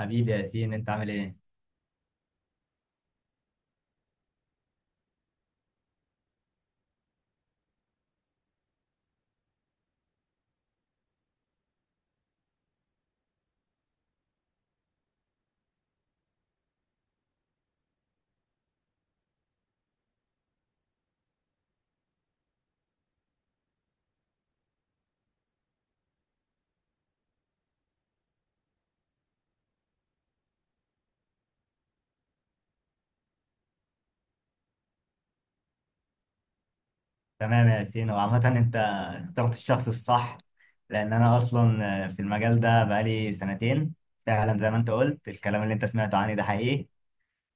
حبيبي يا ياسين، انت عامل ايه؟ تمام يا ياسين. وعامة انت اخترت الشخص الصح، لان انا اصلا في المجال ده بقالي سنتين. فعلا زي ما انت قلت، الكلام اللي انت سمعته عني ده حقيقي.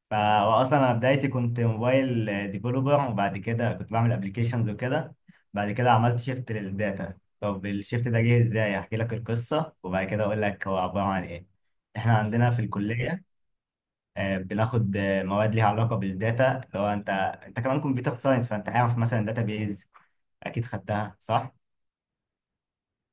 فا واصلا انا بدايتي كنت موبايل ديفلوبر، وبعد كده كنت بعمل ابلكيشنز وكده. بعد كده عملت شيفت للداتا. طب الشيفت ده جه ازاي؟ احكي لك القصة وبعد كده اقول لك هو عبارة عن ايه. احنا عندنا في الكلية بناخد مواد ليها علاقة بالداتا. لو انت انت كمان كمبيوتر ساينس، فانت عارف مثلا داتا بيز، اكيد خدتها صح.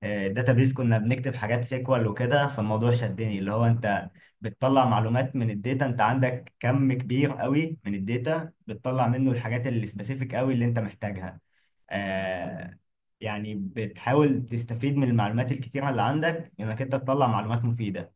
الداتا بيز كنا بنكتب حاجات سيكوال وكده، فالموضوع شدني. اللي هو انت بتطلع معلومات من الداتا، انت عندك كم كبير قوي من الداتا بتطلع منه الحاجات اللي سبيسيفيك قوي اللي انت محتاجها. آه، يعني بتحاول تستفيد من المعلومات الكتيرة اللي عندك انك انت تطلع معلومات مفيدة.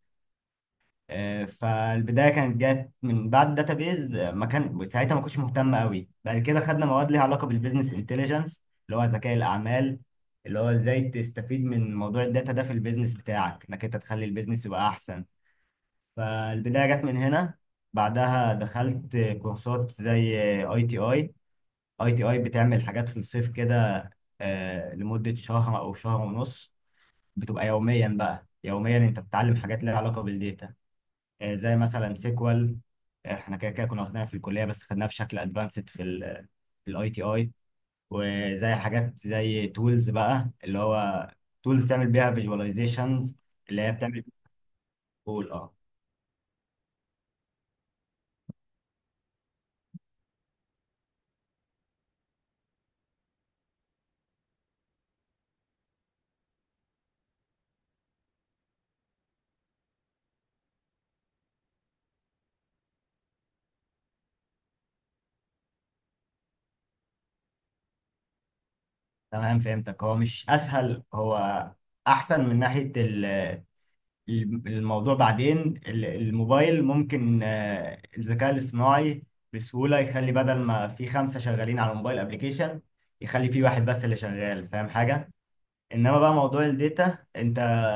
فالبدايه كانت جت من بعد داتابيز، ما كان ساعتها ما كنتش مهتم قوي. بعد كده خدنا مواد ليها علاقه بالبيزنس انتليجنس، اللي هو ذكاء الاعمال، اللي هو ازاي تستفيد من موضوع الداتا ده في البيزنس بتاعك، انك انت تخلي البيزنس يبقى احسن. فالبدايه جت من هنا. بعدها دخلت كورسات زي اي تي اي. اي تي اي بتعمل حاجات في الصيف كده، لمده شهر او شهر ونص. بتبقى يوميا، بقى يوميا انت بتتعلم حاجات ليها علاقه بالداتا، زي مثلا سيكوال. احنا كده كده كنا واخدينها في الكليه، بس خدناها بشكل ادفانسد في في الاي تي اي. وزي حاجات زي تولز بقى، اللي هو تولز تعمل بيها فيجواليزيشنز، اللي هي بتعمل. قول اه. تمام، فهمتك. هو مش اسهل، هو احسن من ناحيه الموضوع. بعدين الموبايل ممكن الذكاء الاصطناعي بسهوله يخلي بدل ما في خمسه شغالين على الموبايل ابلكيشن، يخلي في واحد بس اللي شغال فاهم حاجه. انما بقى موضوع الداتا، انت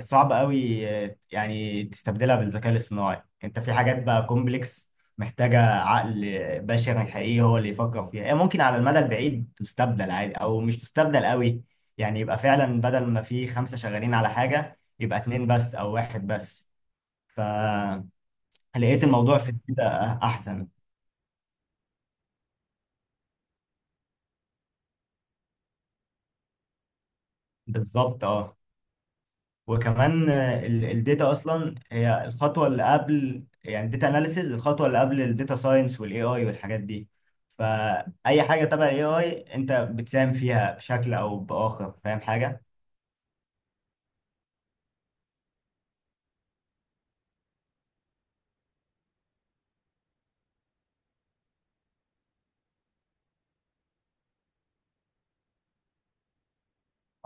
صعب قوي يعني تستبدلها بالذكاء الاصطناعي. انت في حاجات بقى كومبلكس، محتاجة عقل بشري حقيقي هو اللي يفكر فيها. هي ممكن على المدى البعيد تستبدل عادي، او مش تستبدل قوي. يعني يبقى فعلا بدل ما في خمسة شغالين على حاجة يبقى اتنين بس او واحد بس. فلقيت الموضوع في الداتا احسن. بالظبط اه. وكمان الداتا اصلا هي الخطوه اللي قبل، يعني الداتا اناليسيز الخطوه اللي قبل الداتا ساينس والاي اي والحاجات دي. فاي حاجه تبع الاي اي انت بتساهم فيها بشكل او باخر. فاهم حاجه.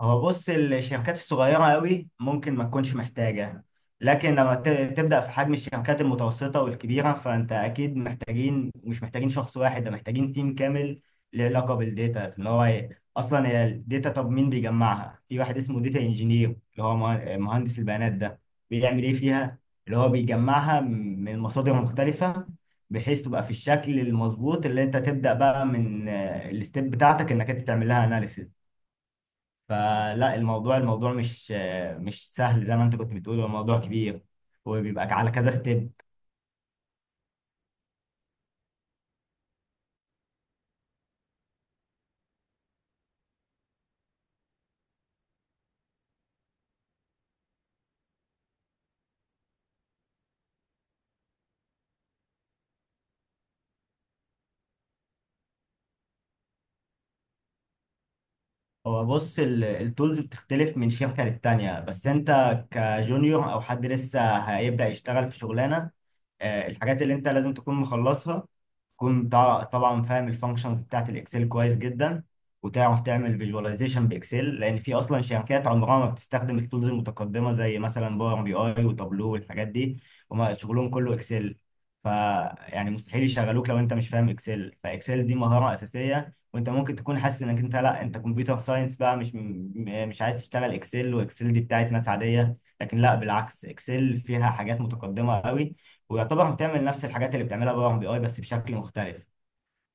هو بص، الشركات الصغيرة قوي ممكن ما تكونش محتاجة، لكن لما تبدأ في حجم الشركات المتوسطة والكبيرة، فأنت أكيد محتاجين، مش محتاجين شخص واحد ده، محتاجين تيم كامل له علاقة بالديتا. في إن هو أصلا هي الداتا، طب مين بيجمعها؟ في واحد اسمه داتا انجينير، اللي هو مهندس البيانات. ده بيعمل إيه فيها؟ اللي هو بيجمعها من مصادر مختلفة، بحيث تبقى في الشكل المظبوط اللي أنت تبدأ بقى من الستيب بتاعتك، إنك أنت تعمل لها أناليسيز. فلا الموضوع، مش سهل زي ما انت كنت بتقول. هو الموضوع كبير وبيبقى على كذا ستيب. هو بص، التولز بتختلف من شركة للتانية. بس انت كجونيور او حد لسه هيبدأ يشتغل في شغلانة، الحاجات اللي انت لازم تكون مخلصها، تكون طبعا فاهم الفانكشنز بتاعت الاكسل كويس جدا، وتعرف تعمل فيجواليزيشن باكسل. لان في اصلا شركات عمرها ما بتستخدم التولز المتقدمة زي مثلا باور بي اي وتابلو والحاجات دي، هما شغلهم كله اكسل. ف يعني مستحيل يشغلوك لو انت مش فاهم اكسل. فاكسل دي مهارة اساسية. وانت ممكن تكون حاسس انك انت لا، انت كمبيوتر ساينس بقى مش مش عايز تشتغل اكسل، واكسل دي بتاعت ناس عاديه. لكن لا، بالعكس، اكسل فيها حاجات متقدمه قوي، ويعتبر بتعمل نفس الحاجات اللي بتعملها باور بي اي بس بشكل مختلف.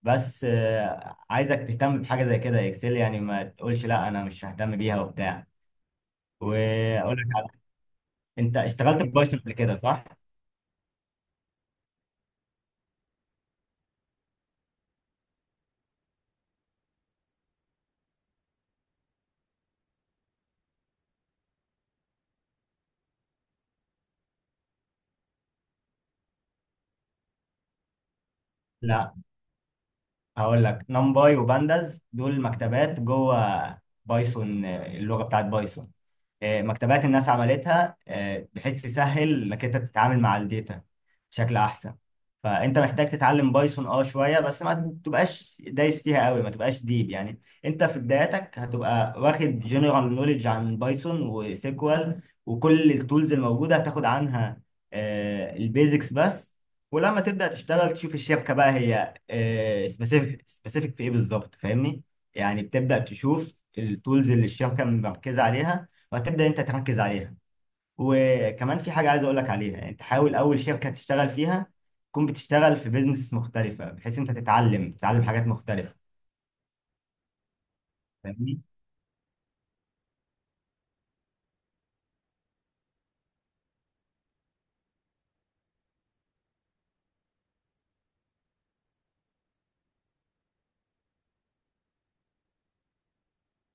بس عايزك تهتم بحاجه زي كده. اكسل يعني ما تقولش لا انا مش ههتم بيها وبتاع. واقول لك على- انت اشتغلت ببايثون قبل كده صح؟ لا. هقول لك، نمباي وبانداز دول مكتبات جوه بايثون. اللغه بتاعت بايثون، مكتبات الناس عملتها بحيث تسهل انك انت تتعامل مع الداتا بشكل احسن. فانت محتاج تتعلم بايثون اه شويه بس، ما تبقاش دايس فيها قوي، ما تبقاش ديب. يعني انت في بداياتك هتبقى واخد جنرال نوليدج عن بايثون وسيكوال وكل التولز الموجوده، هتاخد عنها البيزكس بس. ولما تبدا تشتغل تشوف الشبكه بقى، هي سبيسيفيك في ايه بالظبط، فاهمني؟ يعني بتبدا تشوف التولز اللي الشبكه مركزه عليها، وهتبدأ انت تركز عليها. وكمان في حاجة عايز اقول لك عليها، يعني تحاول اول شركة تشتغل فيها تكون بتشتغل في بيزنس مختلفة، بحيث انت تتعلم حاجات مختلفة. فاهمني؟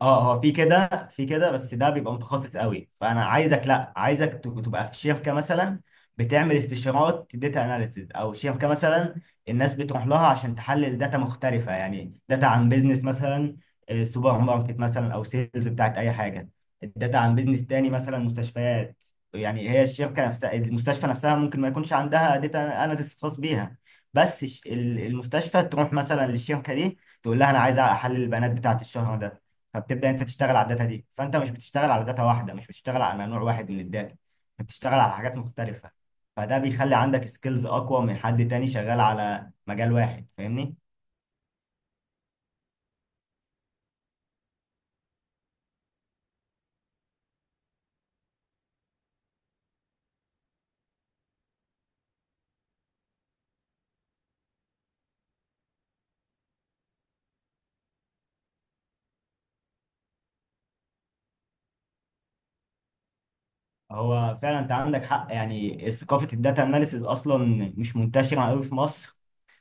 اه، هو في كده في كده، بس ده بيبقى متخصص قوي. فانا عايزك لا، عايزك تبقى في شركه مثلا بتعمل استشارات داتا اناليسيز، او شركه مثلا الناس بتروح لها عشان تحلل داتا مختلفه. يعني داتا عن بيزنس، مثلا سوبر ماركت مثلا، او سيلز بتاعت اي حاجه، الداتا عن بيزنس تاني مثلا مستشفيات. يعني هي الشركه نفسها، المستشفى نفسها ممكن ما يكونش عندها داتا اناليسيز خاص بيها، بس المستشفى تروح مثلا للشركه دي، تقول لها انا عايز احلل البيانات بتاعت الشهر ده. فبتبدا انت تشتغل على الداتا دي. فانت مش بتشتغل على داتا واحده، مش بتشتغل على نوع واحد من الداتا، بتشتغل على حاجات مختلفه. فده بيخلي عندك سكيلز اقوى من حد تاني شغال على مجال واحد، فاهمني؟ هو فعلا انت عندك حق. يعني ثقافه الداتا اناليسز اصلا مش منتشره قوي في مصر،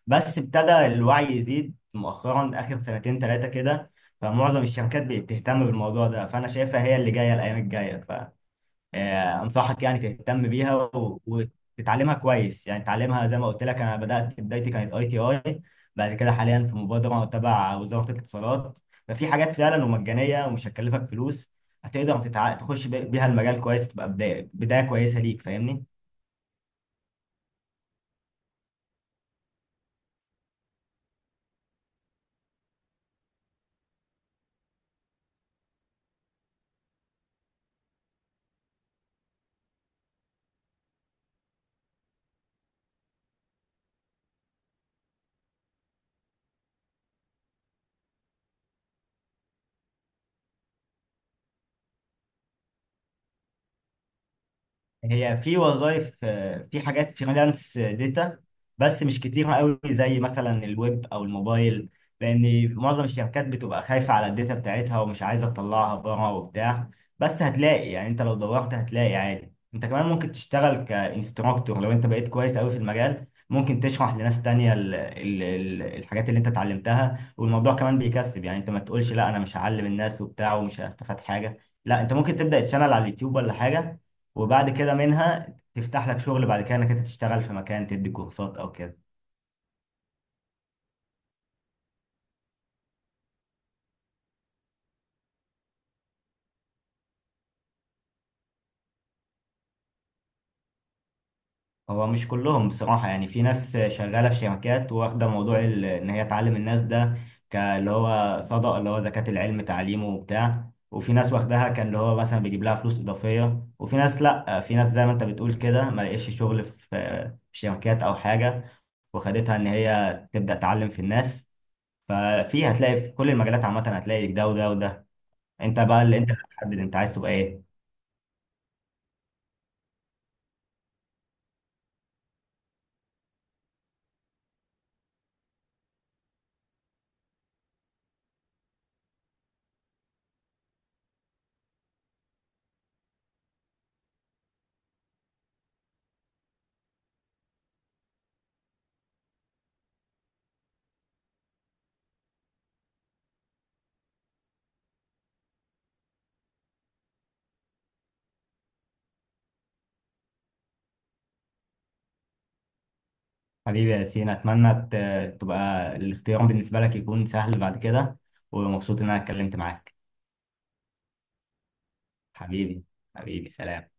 بس ابتدى الوعي يزيد مؤخرا اخر سنتين ثلاثه كده. فمعظم الشركات بقت تهتم بالموضوع ده، فانا شايفها هي اللي جايه الايام الجايه. ف انصحك يعني تهتم بيها وتتعلمها كويس. يعني تعلمها زي ما قلت لك، انا بدات بدايتي كانت اي تي اي. بعد كده حاليا في مبادره تبع وزاره الاتصالات، ففي حاجات فعلا ومجانيه ومش هتكلفك فلوس. هتقدر تخش بيها المجال كويس، تبقى بدايه كويسه ليك، فاهمني؟ هي في وظائف، في حاجات فريلانس داتا بس مش كتيرة قوي زي مثلا الويب او الموبايل، لان معظم الشركات بتبقى خايفة على الداتا بتاعتها ومش عايزة تطلعها بره وبتاع. بس هتلاقي، يعني انت لو دورت هتلاقي عادي. انت كمان ممكن تشتغل كانستراكتور، لو انت بقيت كويس قوي في المجال ممكن تشرح لناس تانية ال ال ال الحاجات اللي انت اتعلمتها. والموضوع كمان بيكسب، يعني انت ما تقولش لا انا مش هعلم الناس وبتاع ومش هستفاد حاجة. لا، انت ممكن تبدأ تشانل على اليوتيوب ولا حاجة، وبعد كده منها تفتح لك شغل، بعد كده انك انت تشتغل في مكان تدي كورسات او كده. هو مش كلهم بصراحة، يعني في ناس شغالة في شركات واخدة موضوع ان هي تعلم الناس ده، اللي هو صدقة، اللي هو زكاة العلم تعليمه وبتاع. وفي ناس واخداها كان اللي هو مثلا بيجيب لها فلوس إضافية. وفي ناس لأ، في ناس زي ما انت بتقول كده ما لقيتش شغل في شركات او حاجة، وخدتها ان هي تبدأ تعلم في الناس. ففي هتلاقي في كل المجالات عامة هتلاقي ده وده وده. انت بقى اللي انت هتحدد انت عايز تبقى ايه. حبيبي يا ياسين، أتمنى تبقى الاختيار بالنسبة لك يكون سهل بعد كده. ومبسوط إن أنا اتكلمت معاك. حبيبي، حبيبي سلام.